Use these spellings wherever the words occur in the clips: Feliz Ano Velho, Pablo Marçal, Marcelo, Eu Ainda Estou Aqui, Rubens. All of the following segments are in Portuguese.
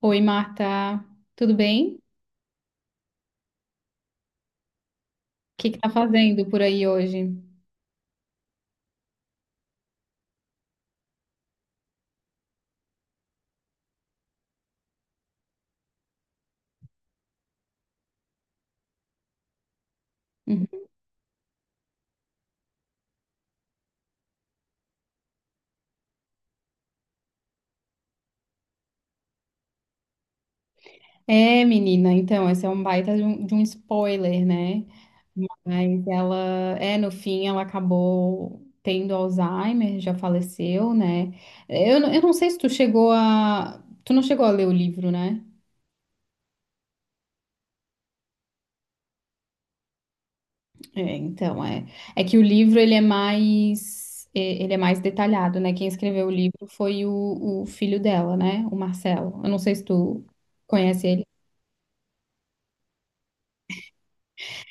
Oi, Marta, tudo bem? O que que tá fazendo por aí hoje? Uhum. É, menina, então, esse é um baita de um spoiler, né? Mas ela, é, no fim, ela acabou tendo Alzheimer, já faleceu, né? Eu não sei se tu chegou a... Tu não chegou a ler o livro, né? É, então, é... É que o livro, ele é mais... Ele é mais detalhado, né? Quem escreveu o livro foi o filho dela, né? O Marcelo. Eu não sei se tu conhece ele.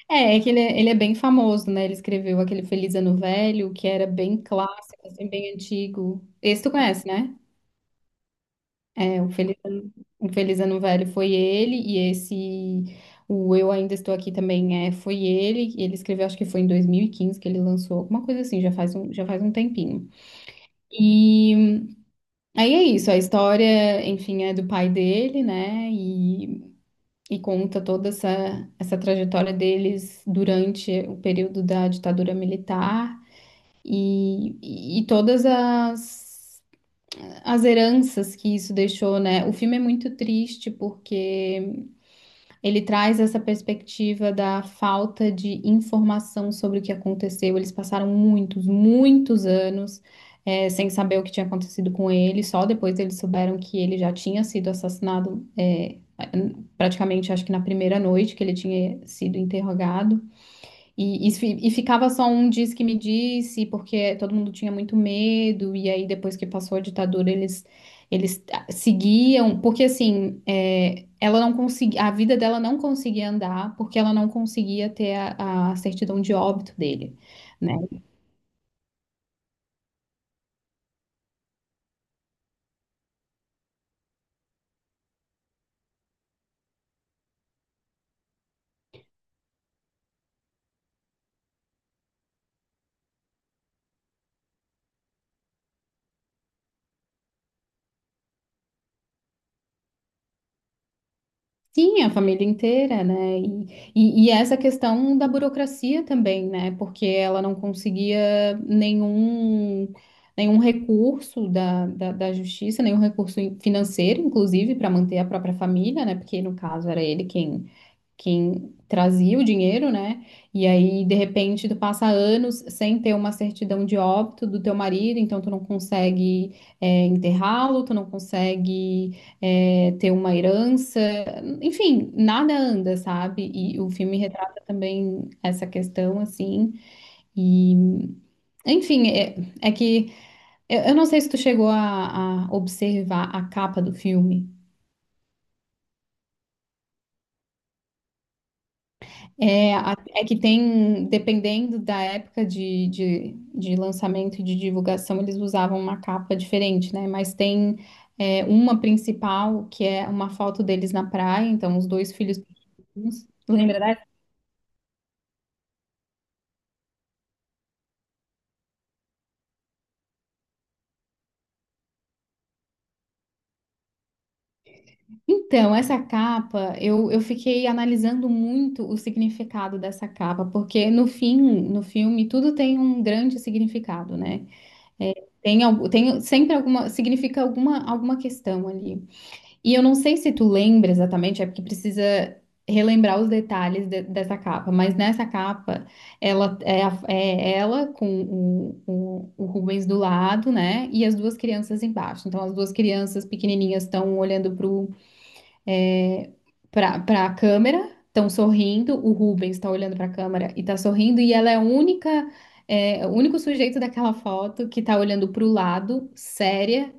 É, ele é bem famoso, né? Ele escreveu aquele Feliz Ano Velho, que era bem clássico, assim, bem antigo. Esse tu conhece, né? É, o Feliz Ano, o Feliz Ano Velho foi ele, e esse, o Eu Ainda Estou Aqui também foi ele. Ele escreveu, acho que foi em 2015 que ele lançou, alguma coisa assim, já faz um tempinho. E aí é isso, a história, enfim, é do pai dele, né? E conta toda essa trajetória deles durante o período da ditadura militar. E todas as heranças que isso deixou, né? O filme é muito triste porque ele traz essa perspectiva da falta de informação sobre o que aconteceu. Eles passaram muitos, muitos anos. Sem saber o que tinha acontecido com ele, só depois eles souberam que ele já tinha sido assassinado, praticamente acho que na primeira noite que ele tinha sido interrogado. E ficava só um diz que me disse, porque todo mundo tinha muito medo, e aí depois que passou a ditadura, eles seguiam, porque assim, é, ela não conseguia, a vida dela não conseguia andar, porque ela não conseguia ter a certidão de óbito dele, né? Sim, a família inteira, né? E essa questão da burocracia também, né? Porque ela não conseguia nenhum recurso da justiça, nenhum recurso financeiro, inclusive, para manter a própria família, né? Porque no caso era ele quem trazia o dinheiro, né? E aí, de repente, tu passa anos sem ter uma certidão de óbito do teu marido, então tu não consegue enterrá-lo, tu não consegue ter uma herança, enfim, nada anda, sabe? E o filme retrata também essa questão, assim, e enfim, é, é que eu não sei se tu chegou a observar a capa do filme. É, é que tem, dependendo da época de lançamento e de divulgação, eles usavam uma capa diferente, né? Mas tem uma principal, que é uma foto deles na praia, então os dois filhos pequenos. Lembra dessa? Então, essa capa, eu fiquei analisando muito o significado dessa capa, porque no fim, no filme, tudo tem um grande significado, né? É, tem sempre alguma questão ali. E eu não sei se tu lembra exatamente, é porque precisa relembrar os detalhes dessa capa, mas nessa capa é ela com o Rubens do lado, né? E as duas crianças embaixo. Então as duas crianças pequenininhas estão olhando pro é, para a câmera, estão sorrindo. O Rubens está olhando para a câmera e tá sorrindo. E ela é o único sujeito daquela foto que tá olhando pro lado, séria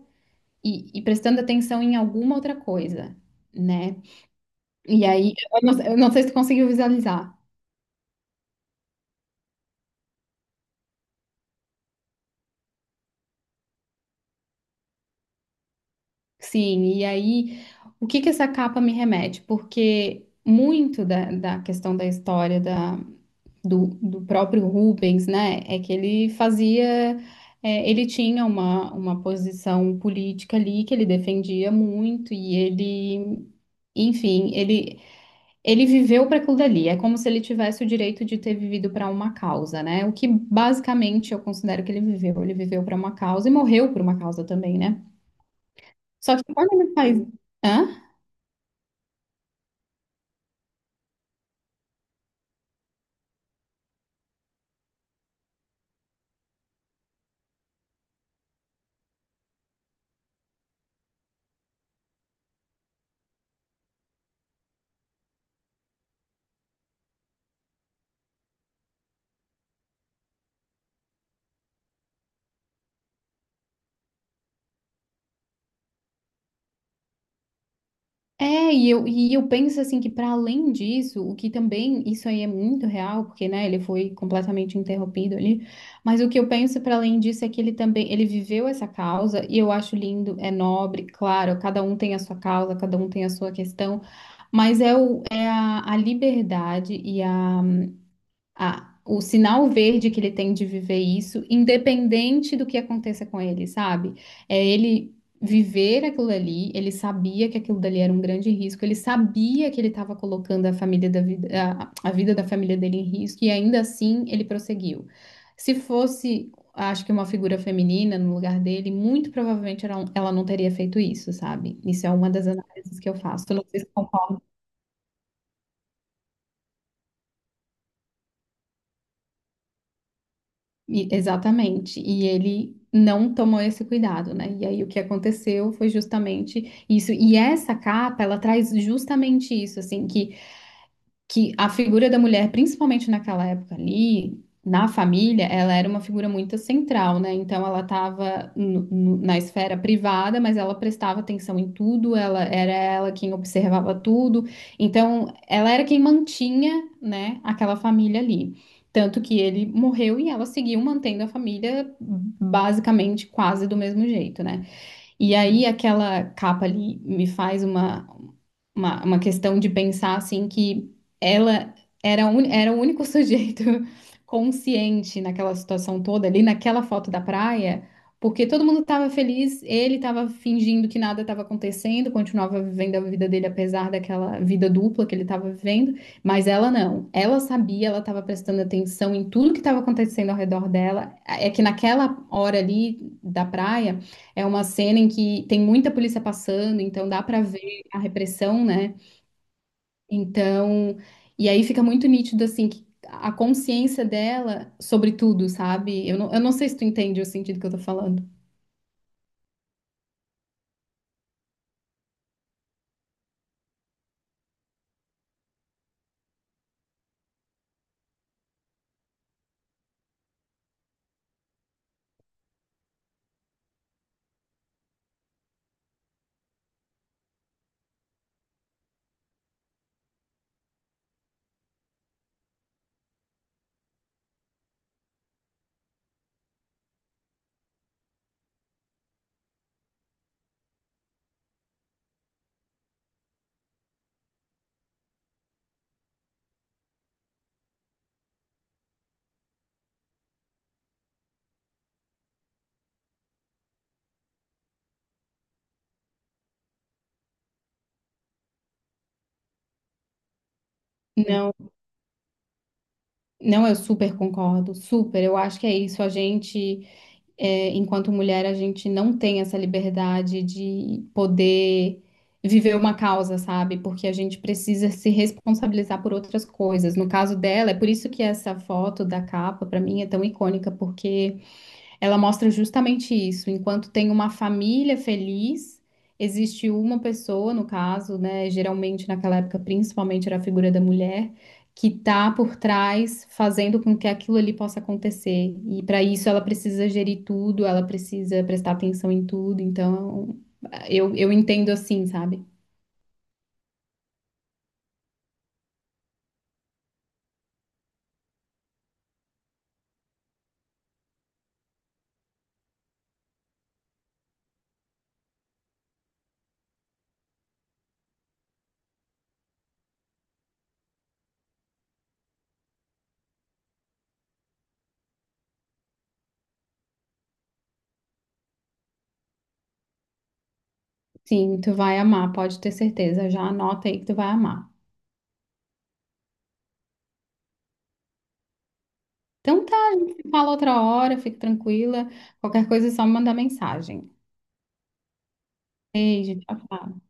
e prestando atenção em alguma outra coisa, né? E aí, eu não sei se tu conseguiu visualizar. Sim, e aí, o que que essa capa me remete? Porque muito da questão da história do próprio Rubens, né, é que ele fazia. Ele tinha uma posição política ali que ele defendia muito, enfim, ele, Ele viveu para aquilo dali, é como se ele tivesse o direito de ter vivido para uma causa, né? O que basicamente eu considero que ele viveu. Ele viveu para uma causa e morreu por uma causa também, né? Só que quando ele faz. Hã? E eu penso assim que para além disso, o que também, isso aí é muito real, porque né, ele foi completamente interrompido ali, mas o que eu penso para além disso é que ele viveu essa causa e eu acho lindo, é nobre, claro, cada um tem a sua causa, cada um tem a sua questão, mas a liberdade e o sinal verde que ele tem de viver isso, independente do que aconteça com ele, sabe? É ele viver aquilo ali, ele sabia que aquilo dali era um grande risco, ele sabia que ele estava colocando a família da vida, a vida da família dele em risco, e ainda assim ele prosseguiu. Se fosse, acho que uma figura feminina no lugar dele, muito provavelmente ela não teria feito isso, sabe? Isso é uma das análises que eu faço. Não sei se E- Exatamente. E ele não tomou esse cuidado, né? E aí o que aconteceu foi justamente isso. E essa capa, ela traz justamente isso, assim, que a figura da mulher, principalmente naquela época ali, na família, ela era uma figura muito central, né? Então ela estava na esfera privada, mas ela prestava atenção em tudo, ela quem observava tudo. Então ela era quem mantinha, né, aquela família ali. Tanto que ele morreu e ela seguiu mantendo a família basicamente quase do mesmo jeito, né? E aí aquela capa ali me faz uma questão de pensar assim que ela era o único sujeito consciente naquela situação toda, ali naquela foto da praia, porque todo mundo estava feliz, ele estava fingindo que nada estava acontecendo, continuava vivendo a vida dele apesar daquela vida dupla que ele estava vivendo, mas ela não. Ela sabia, ela estava prestando atenção em tudo que estava acontecendo ao redor dela. É que naquela hora ali da praia é uma cena em que tem muita polícia passando, então dá para ver a repressão, né? Então, e aí fica muito nítido, assim, que a consciência dela sobre tudo, sabe? Eu não sei se tu entende o sentido que eu tô falando. Não, não, eu super concordo, super. Eu acho que é isso. A gente, é, enquanto mulher, a gente não tem essa liberdade de poder viver uma causa, sabe? Porque a gente precisa se responsabilizar por outras coisas. No caso dela, é por isso que essa foto da capa, pra mim, é tão icônica, porque ela mostra justamente isso. Enquanto tem uma família feliz, existe uma pessoa, no caso, né? Geralmente naquela época, principalmente era a figura da mulher, que tá por trás, fazendo com que aquilo ali possa acontecer. E para isso ela precisa gerir tudo, ela precisa prestar atenção em tudo. Então, eu entendo assim, sabe? Sim, tu vai amar, pode ter certeza. Já anota aí que tu vai amar. Então tá, a gente fala outra hora, fique tranquila. Qualquer coisa é só me mandar mensagem. Beijo, tchau, tchau.